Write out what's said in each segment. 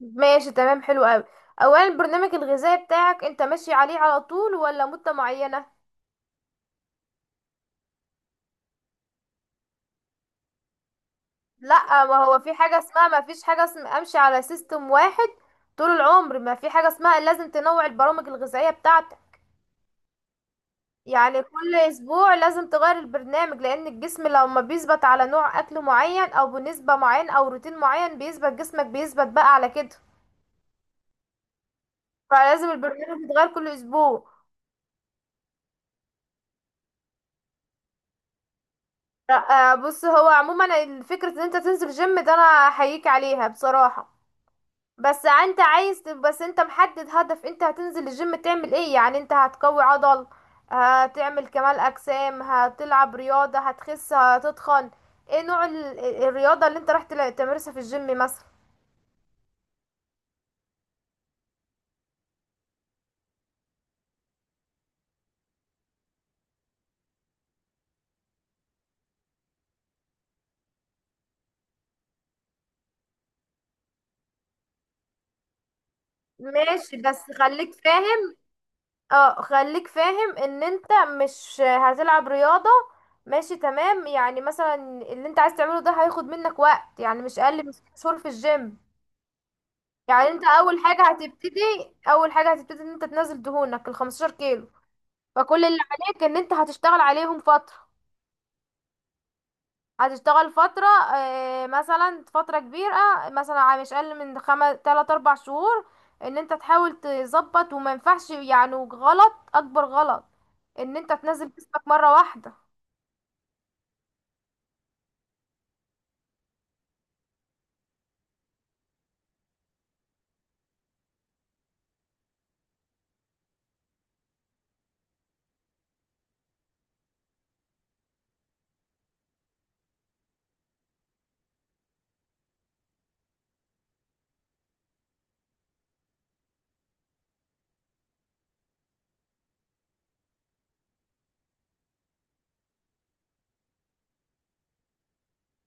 ماشي، تمام، حلو قوي. اولا، البرنامج الغذائي بتاعك انت ماشي عليه على طول ولا مدة معينة؟ لا، ما هو في حاجة اسمها ما فيش حاجة اسمها امشي على سيستم واحد طول العمر. ما في حاجة اسمها، لازم تنوع البرامج الغذائية بتاعتك. يعني كل اسبوع لازم تغير البرنامج، لان الجسم لما بيثبت على نوع اكل معين او بنسبة معينة او روتين معين بيثبت، جسمك بيثبت بقى على كده. فلازم البرنامج يتغير كل اسبوع. لا بص، هو عموما فكرة ان انت تنزل جيم ده، انا احييك عليها بصراحة. بس انت عايز تب- بس انت محدد هدف، انت هتنزل الجيم تعمل ايه؟ يعني انت هتقوي عضل، هتعمل كمال اجسام، هتلعب رياضة، هتخس، هتتخن؟ ايه نوع الرياضة اللي انت تمارسها في الجيم مثلا؟ ماشي، بس خليك فاهم. اه خليك فاهم ان انت مش هتلعب رياضة. ماشي تمام، يعني مثلا اللي انت عايز تعمله ده هياخد منك وقت، يعني مش اقل من ست شهور في الجيم. يعني انت اول حاجة هتبتدي ان انت تنزل دهونك ال 15 كيلو. فكل اللي عليك ان انت هتشتغل عليهم فترة، هتشتغل فترة، مثلا فترة كبيرة، مثلا مش أقل من خمس، تلات، أربع شهور. إن أنت تحاول تظبط، وما ينفعش، يعني غلط، أكبر غلط إن أنت تنزل جسمك مرة واحدة.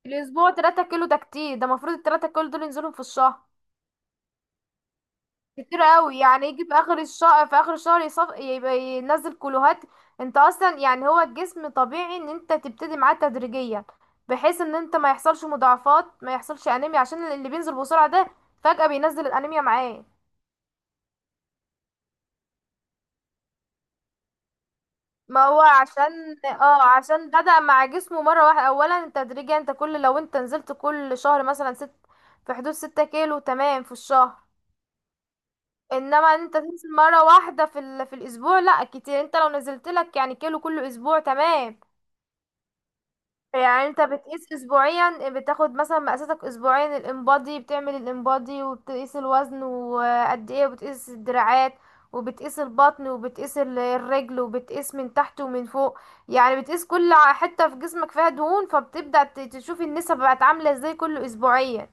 الأسبوع تلاتة كيلو ده كتير، ده المفروض التلاتة كيلو دول ينزلهم في الشهر. كتير قوي، يعني يجي في اخر الشهر، في اخر الشهر يبقى ينزل كلوهات. انت اصلا، يعني هو الجسم طبيعي ان انت تبتدي معاه تدريجيا، بحيث ان انت ما يحصلش مضاعفات، ما يحصلش انيميا، عشان اللي بينزل بسرعة ده فجأة بينزل الانيميا معاه. ما هو عشان عشان بدأ مع جسمه مرة واحدة. اولا تدريجيا، انت لو انت نزلت كل شهر مثلا ست، في حدود ستة كيلو تمام في الشهر. انما انت تنزل مره واحده في في الاسبوع لا، كتير. انت لو نزلت لك يعني كيلو كل اسبوع تمام. يعني انت بتقيس اسبوعيا، بتاخد مثلا مقاساتك اسبوعيا، الانبادي، بتعمل الانبادي وبتقيس الوزن وقد ايه، وبتقيس الدراعات وبتقيس البطن وبتقيس الرجل، وبتقيس من تحت ومن فوق. يعني بتقيس كل حته في جسمك فيها دهون، فبتبدأ تشوف النسب بقت عامله ازاي كل اسبوعيا.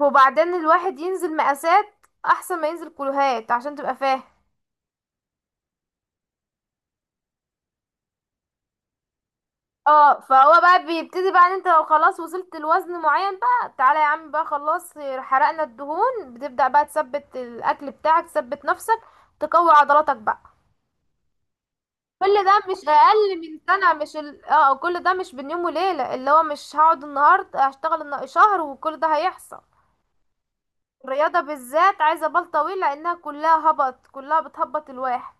وبعدين الواحد ينزل مقاسات احسن ما ينزل كيلوهات عشان تبقى فاهم. اه فهو بقى بيبتدي بقى ان انت لو خلاص وصلت لوزن معين بقى، تعالى يا عم بقى، خلاص، حرقنا الدهون، بتبدأ بقى تثبت الاكل بتاعك، تثبت نفسك، تقوي عضلاتك بقى. كل ده مش اقل من سنة، مش ال... اه كل ده مش بين يوم وليلة. اللي هو مش هقعد النهاردة هشتغل شهر وكل ده هيحصل. الرياضة بالذات عايزة بال طويل، لانها كلها هبط، كلها بتهبط الواحد.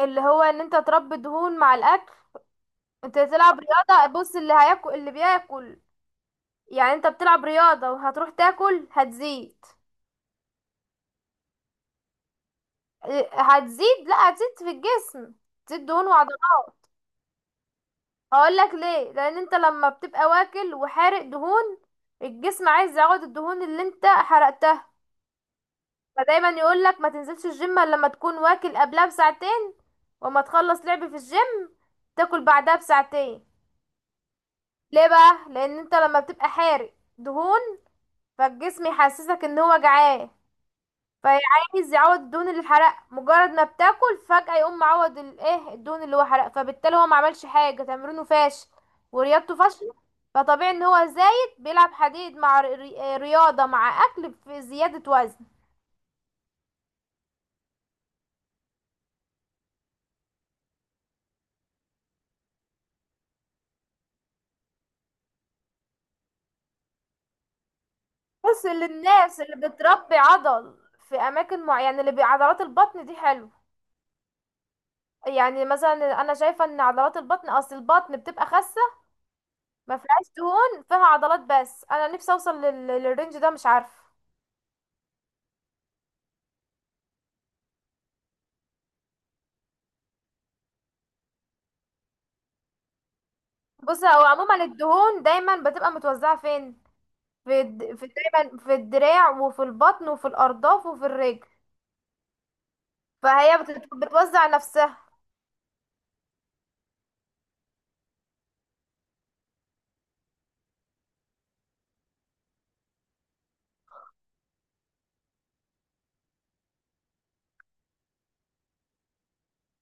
اللي هو ان انت تربي دهون مع الاكل، انت تلعب رياضة. بص، اللي هياكل اللي بياكل، يعني انت بتلعب رياضة وهتروح تاكل، هتزيد. إيه، هتزيد لا هتزيد في الجسم، تزيد دهون وعضلات. هقول لك ليه. لان انت لما بتبقى واكل وحارق دهون، الجسم عايز يعوض الدهون اللي انت حرقتها. فدايما يقول لك ما تنزلش الجيم الا لما تكون واكل قبلها بساعتين، وما تخلص لعب في الجيم تاكل بعدها بساعتين. ليه بقى؟ لان انت لما بتبقى حارق دهون، فالجسم يحسسك ان هو جعان، فعايز يعوض الدهون اللي اتحرق. مجرد ما بتاكل فجأة يقوم معوض الايه، الدهون اللي هو حرق. فبالتالي هو ما عملش حاجة، تمرينه فاشل ورياضته فاشلة. فطبيعي ان هو زايد، بيلعب حديد مع رياضة مع اكل، في زيادة وزن. بص، للناس اللي بتربي عضل في اماكن معينة، اللي بعضلات البطن دي حلو. يعني مثلا انا شايفة ان عضلات البطن، اصل البطن بتبقى خاسة، ما فيهاش دهون، فيها عضلات بس. انا نفسي اوصل للرينج ده، مش عارفة. بص، هو عموما الدهون دايما بتبقى متوزعة فين؟ في، دايما في الدراع وفي البطن وفي الأرداف وفي الرجل. بتوزع نفسها.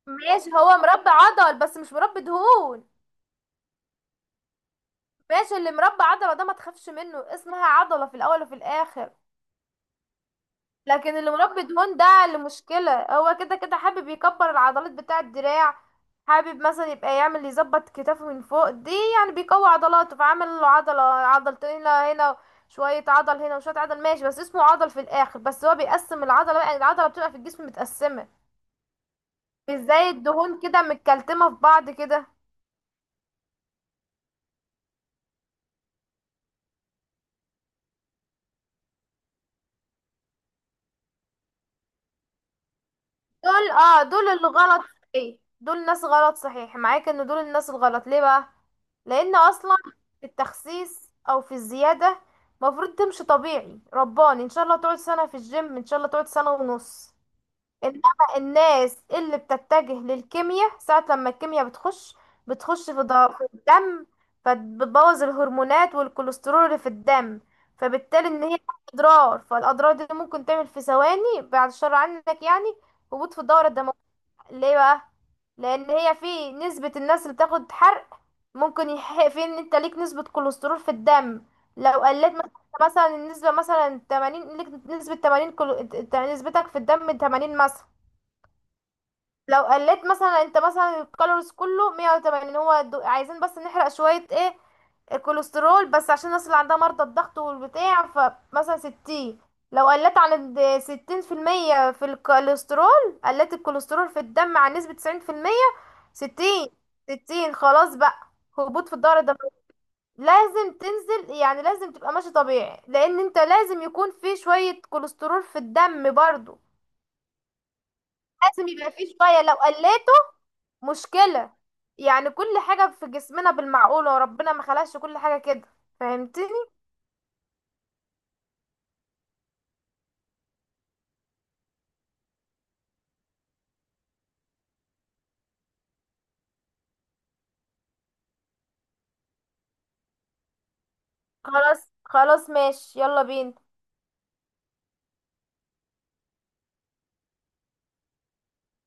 ماشي، هو مربي عضل بس مش مربي دهون. ماشي، اللي مربي عضلة ده ما تخافش منه، اسمها عضلة في الأول وفي الآخر. لكن اللي مربي دهون ده اللي مشكلة. هو كده كده حابب يكبر العضلات بتاع الدراع، حابب مثلا يبقى يعمل، يظبط كتافه من فوق دي، يعني بيقوي عضلاته فعمل له عضلة، عضلتين هنا هنا، شوية عضل هنا وشوية عضل، ماشي، بس اسمه عضل في الآخر. بس هو بيقسم العضلة بقى، يعني العضلة بتبقى في الجسم متقسمة مش زي الدهون كده، متكلتمة في بعض كده. دول دول اللي غلط، صحيح. دول ناس غلط، صحيح معاك ان دول الناس الغلط. ليه بقى؟ لان اصلا في التخسيس او في الزيادة مفروض تمشي طبيعي، رباني، ان شاء الله تقعد سنة في الجيم، ان شاء الله تقعد سنة ونص. انما الناس اللي بتتجه للكيمياء، ساعة لما الكيمياء بتخش، بتخش في في الدم، فبتبوظ الهرمونات والكوليسترول اللي في الدم. فبالتالي ان هي اضرار، فالاضرار دي ممكن تعمل في ثواني، بعد الشر عنك يعني، هبوط في الدورة الدموية. ليه بقى؟ لان هي في نسبة الناس اللي بتاخد حرق، ممكن يحق في ان انت ليك نسبة كوليسترول في الدم. لو قلت مثلا النسبة مثلا 80، ليك نسبة 80 نسبتك في الدم 80 مثلا. لو قلت مثلا انت مثلا الكالوريز كله 180، هو عايزين بس نحرق شوية ايه، الكوليسترول بس، عشان الناس اللي عندها مرضى الضغط والبتاع. فمثلا 60، لو قلت عن 60% في المية في الكوليسترول، قلت الكوليسترول في الدم عن نسبة 90%، 60، 60 خلاص بقى، هبوط في الدورة الدموية. لازم تنزل، يعني لازم تبقى ماشي طبيعي، لان انت لازم يكون في شوية كوليسترول في الدم برضو. لازم يبقى في شوية، لو قلت مشكلة. يعني كل حاجة في جسمنا بالمعقولة، وربنا ما خلقش كل حاجة كده، فهمتني؟ خلاص خلاص، ماشي، يلا بينا.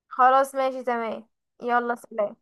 خلاص ماشي تمام. يلا سلام.